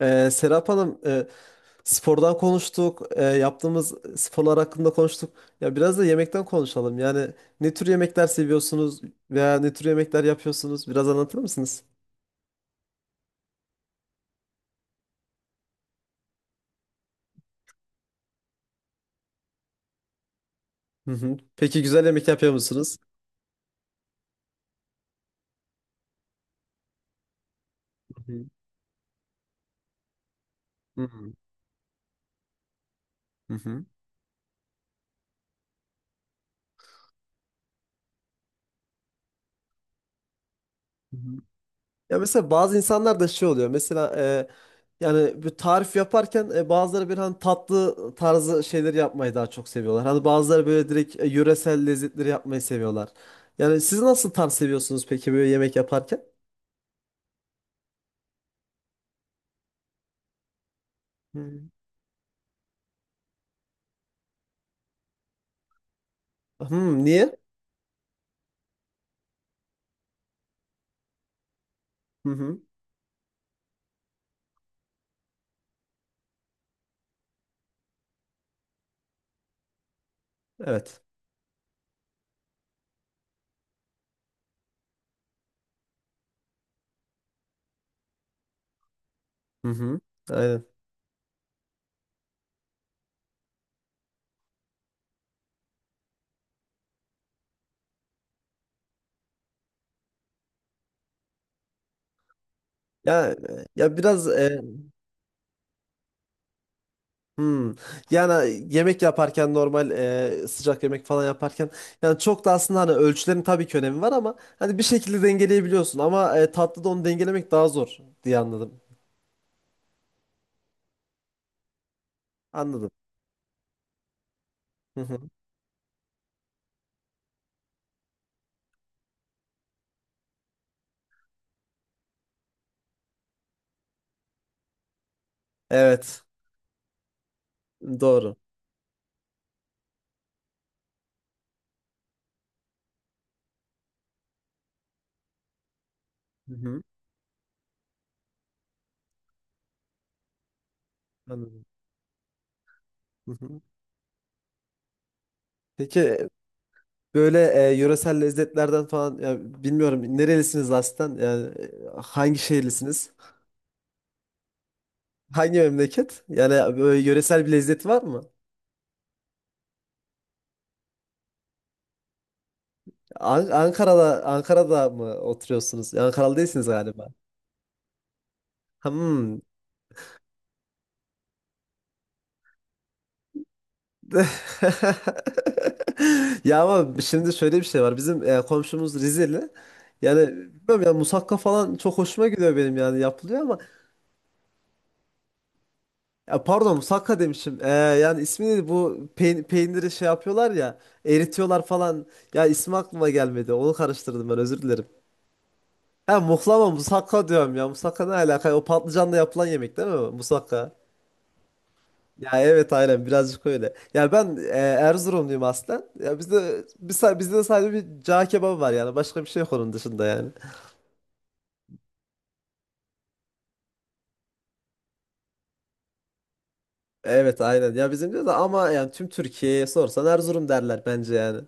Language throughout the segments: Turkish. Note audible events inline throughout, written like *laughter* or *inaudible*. Serap Hanım, spordan konuştuk, yaptığımız sporlar hakkında konuştuk. Ya biraz da yemekten konuşalım. Yani ne tür yemekler seviyorsunuz veya ne tür yemekler yapıyorsunuz? Biraz anlatır mısınız? Hı hı. Peki güzel yemek yapıyor musunuz? Hı hı. Hı hı. Hı hı. Ya mesela bazı insanlar da şey oluyor. Mesela yani bir tarif yaparken bazıları bir hani tatlı tarzı şeyleri yapmayı daha çok seviyorlar. Hani bazıları böyle direkt yöresel lezzetleri yapmayı seviyorlar. Yani siz nasıl tarz seviyorsunuz peki böyle yemek yaparken? Hmm. Hmm, niye? Hı hı. Evet. Hı hı. Aynen. Ya e, ya biraz e, Hmm. Yani yemek yaparken normal sıcak yemek falan yaparken yani çok da aslında hani ölçülerin tabii ki önemi var ama hani bir şekilde dengeleyebiliyorsun ama tatlıda onu dengelemek daha zor diye anladım. Anladım. Hı hı. Evet. Doğru. Hı hı. Anladım. Hı hı. Peki böyle yöresel lezzetlerden falan ya bilmiyorum nerelisiniz aslında yani hangi şehirlisiniz? Hangi memleket? Yani böyle yöresel bir lezzet var mı? Ankara'da Ankara'da mı oturuyorsunuz? Ankaralı değilsiniz galiba. Hmm. *laughs* Ya ama şimdi şöyle bir şey var. Bizim komşumuz Rizeli. Yani bilmiyorum ya musakka falan çok hoşuma gidiyor benim yani yapılıyor ama ya pardon musakka demişim. E, yani ismi neydi bu peyniri şey yapıyorlar ya eritiyorlar falan. Ya ismi aklıma gelmedi. Onu karıştırdım ben özür dilerim. Ha muhlama musakka diyorum ya. Musakka ne alaka? O patlıcanla yapılan yemek değil mi? Musakka. Ya evet aynen birazcık öyle. Ya ben Erzurumluyum aslen. Ya bizde bizde de sadece bir cağ kebabı var yani. Başka bir şey yok onun dışında yani. Evet aynen. Ya bizim de ama yani tüm Türkiye'ye sorsan Erzurum derler bence yani.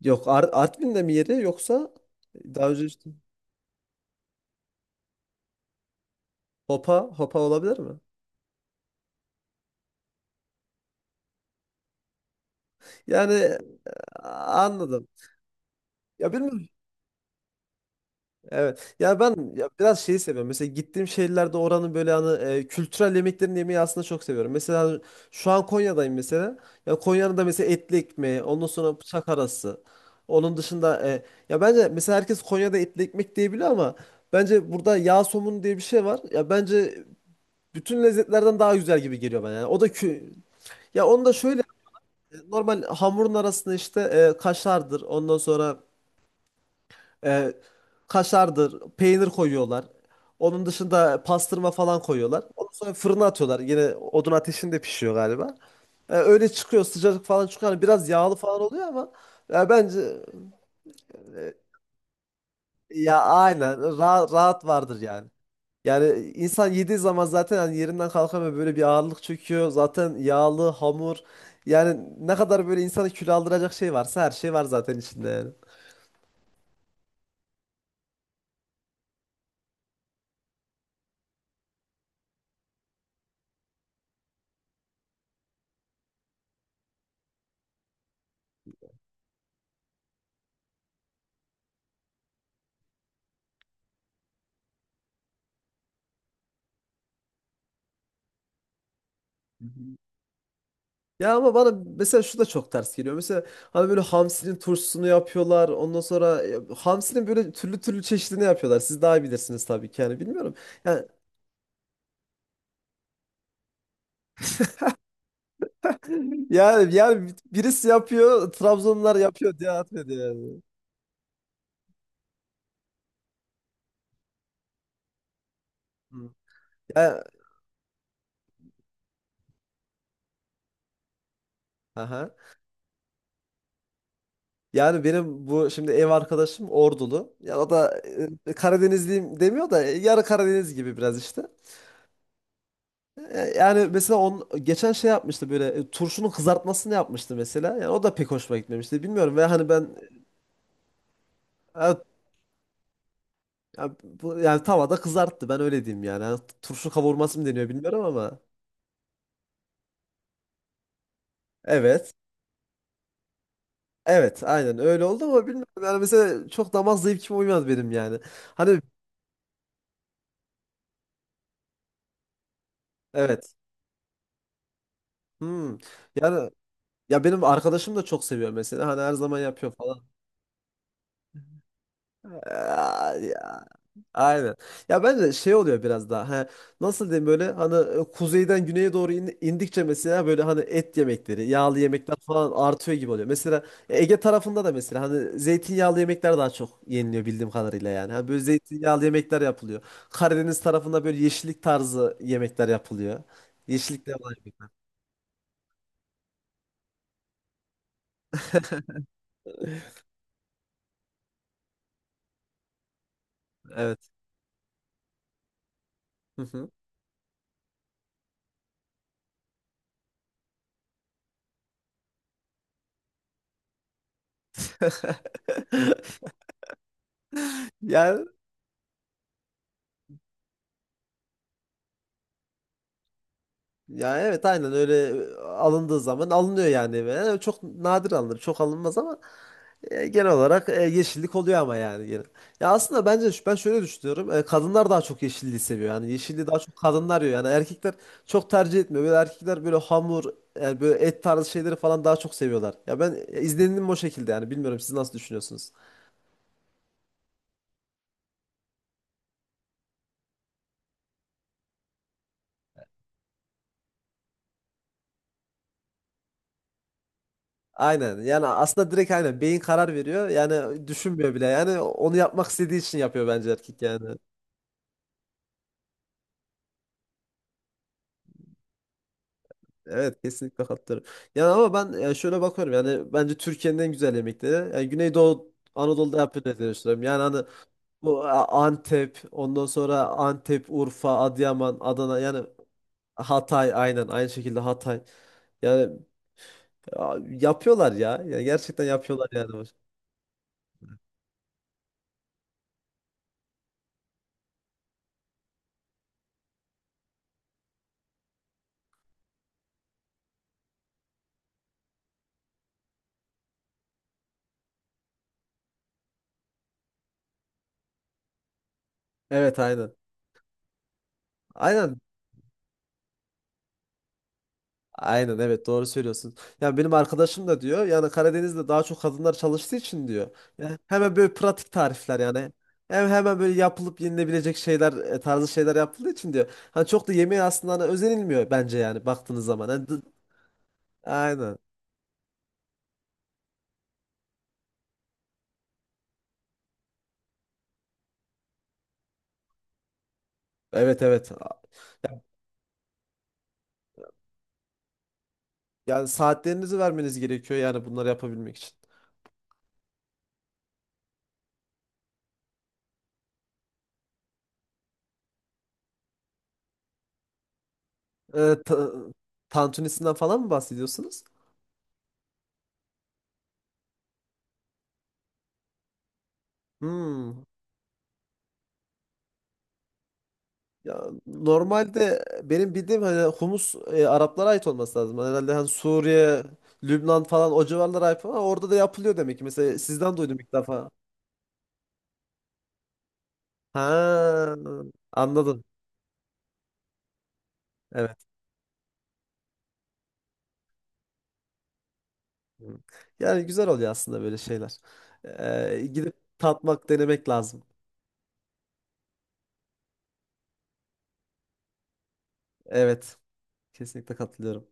Yok Artvin'de mi yeri yoksa daha önce işte Hopa olabilir mi? Yani a- anladım. Ya bilmiyorum. Evet. Ya ben ya biraz şeyi seviyorum. Mesela gittiğim şehirlerde oranın böyle hani kültürel yemeklerini yemeyi aslında çok seviyorum. Mesela şu an Konya'dayım mesela. Ya Konya'nın da mesela etli ekmeği, ondan sonra bıçak arası. Onun dışında ya bence mesela herkes Konya'da etli ekmek diyebiliyor ama bence burada yağ somunu diye bir şey var. Ya bence bütün lezzetlerden daha güzel gibi geliyor bana. Yani o da kü ya onu da şöyle normal hamurun arasında işte kaşardır. Ondan sonra e, kaşardır, peynir koyuyorlar. Onun dışında pastırma falan koyuyorlar. Ondan sonra fırına atıyorlar. Yine odun ateşinde pişiyor galiba. E, öyle çıkıyor sıcacık falan çıkıyor. Hani biraz yağlı falan oluyor ama ya bence e, ya aynen rahat vardır yani. Yani insan yediği zaman zaten hani yerinden kalkamıyor böyle bir ağırlık çöküyor. Zaten yağlı, hamur. Yani ne kadar böyle insanı kilo aldıracak şey varsa her şey var zaten içinde yani. Ya ama bana mesela şu da çok ters geliyor. Mesela hani böyle hamsinin turşusunu yapıyorlar. Ondan sonra ya, hamsinin böyle türlü türlü çeşidini yapıyorlar. Siz daha iyi bilirsiniz tabii ki yani bilmiyorum. Yani *laughs* yani birisi yapıyor, Trabzonlular yapıyor diye atmadı yani. Hı. Ya, aha. Yani benim bu şimdi ev arkadaşım Ordulu. Ya o da Karadenizliyim demiyor da yarı Karadeniz gibi biraz işte. Yani mesela on geçen şey yapmıştı böyle turşunun kızartmasını yapmıştı mesela. Yani o da pek hoşuma gitmemişti. Bilmiyorum ve hani ben ha, ya yani tavada kızarttı. Ben öyle diyeyim yani. Hani turşu kavurması mı deniyor bilmiyorum ama. Evet. Evet, aynen öyle oldu ama bilmiyorum. Yani mesela çok damak zevkime uymadı benim yani. Hani evet. Hmm. Yani ya benim arkadaşım da çok seviyor mesela. Hani her zaman yapıyor falan. Aynen. Ya bence de şey oluyor biraz daha. He, nasıl diyeyim böyle hani kuzeyden güneye doğru indikçe mesela böyle hani et yemekleri, yağlı yemekler falan artıyor gibi oluyor. Mesela Ege tarafında da mesela hani zeytinyağlı yemekler daha çok yeniliyor bildiğim kadarıyla yani. Hani böyle zeytinyağlı yemekler yapılıyor. Karadeniz tarafında böyle yeşillik tarzı yemekler yapılıyor. Yeşillikler olan yemekler. Evet. Hı hı. Yani ya evet aynen öyle alındığı zaman alınıyor yani. Eve. Yani çok nadir alınır. Çok alınmaz ama genel olarak yeşillik oluyor ama yani gene. Ya aslında bence ben şöyle düşünüyorum. E, kadınlar daha çok yeşilliği seviyor. Yani yeşilliği daha çok kadınlar yiyor. Yani erkekler çok tercih etmiyor. Böyle erkekler böyle hamur, yani böyle et tarzı şeyleri falan daha çok seviyorlar. Ya ben izlenimim o şekilde yani. Bilmiyorum siz nasıl düşünüyorsunuz? Aynen. Yani aslında direkt aynen beyin karar veriyor. Yani düşünmüyor bile. Yani onu yapmak istediği için yapıyor bence erkek yani. Evet kesinlikle katılıyorum. Yani ama ben şöyle bakıyorum yani bence Türkiye'nin en güzel yemekleri yani Güneydoğu Anadolu'da yapılıyor diye düşünüyorum. Yani hani bu Antep, ondan sonra Antep, Urfa, Adıyaman, Adana yani Hatay aynen aynı şekilde Hatay. Yani a, yapıyorlar ya. Yani gerçekten yapıyorlar yani. Evet aynen. Aynen Aynen evet doğru söylüyorsun. Yani benim arkadaşım da diyor yani Karadeniz'de daha çok kadınlar çalıştığı için diyor. Yani hemen böyle pratik tarifler yani. Hemen böyle yapılıp yenilebilecek şeyler tarzı şeyler yapıldığı için diyor. Hani çok da yemeğe aslında hani özenilmiyor bence yani baktığınız zaman. Hani d- aynen. Evet evet. Yani saatlerinizi vermeniz gerekiyor yani bunları yapabilmek için. Ee, ta- tantunisinden falan mı bahsediyorsunuz? Hmm. Ya normalde benim bildiğim hani humus Araplara ait olması lazım. Hani Herhalde hani Suriye, Lübnan falan o civarlara ait ama orada da yapılıyor demek ki. Mesela sizden duydum ilk defa. Ha, anladım. Evet. Hı. Yani güzel oluyor aslında böyle şeyler. Gidip tatmak, denemek lazım. Evet. Kesinlikle katılıyorum.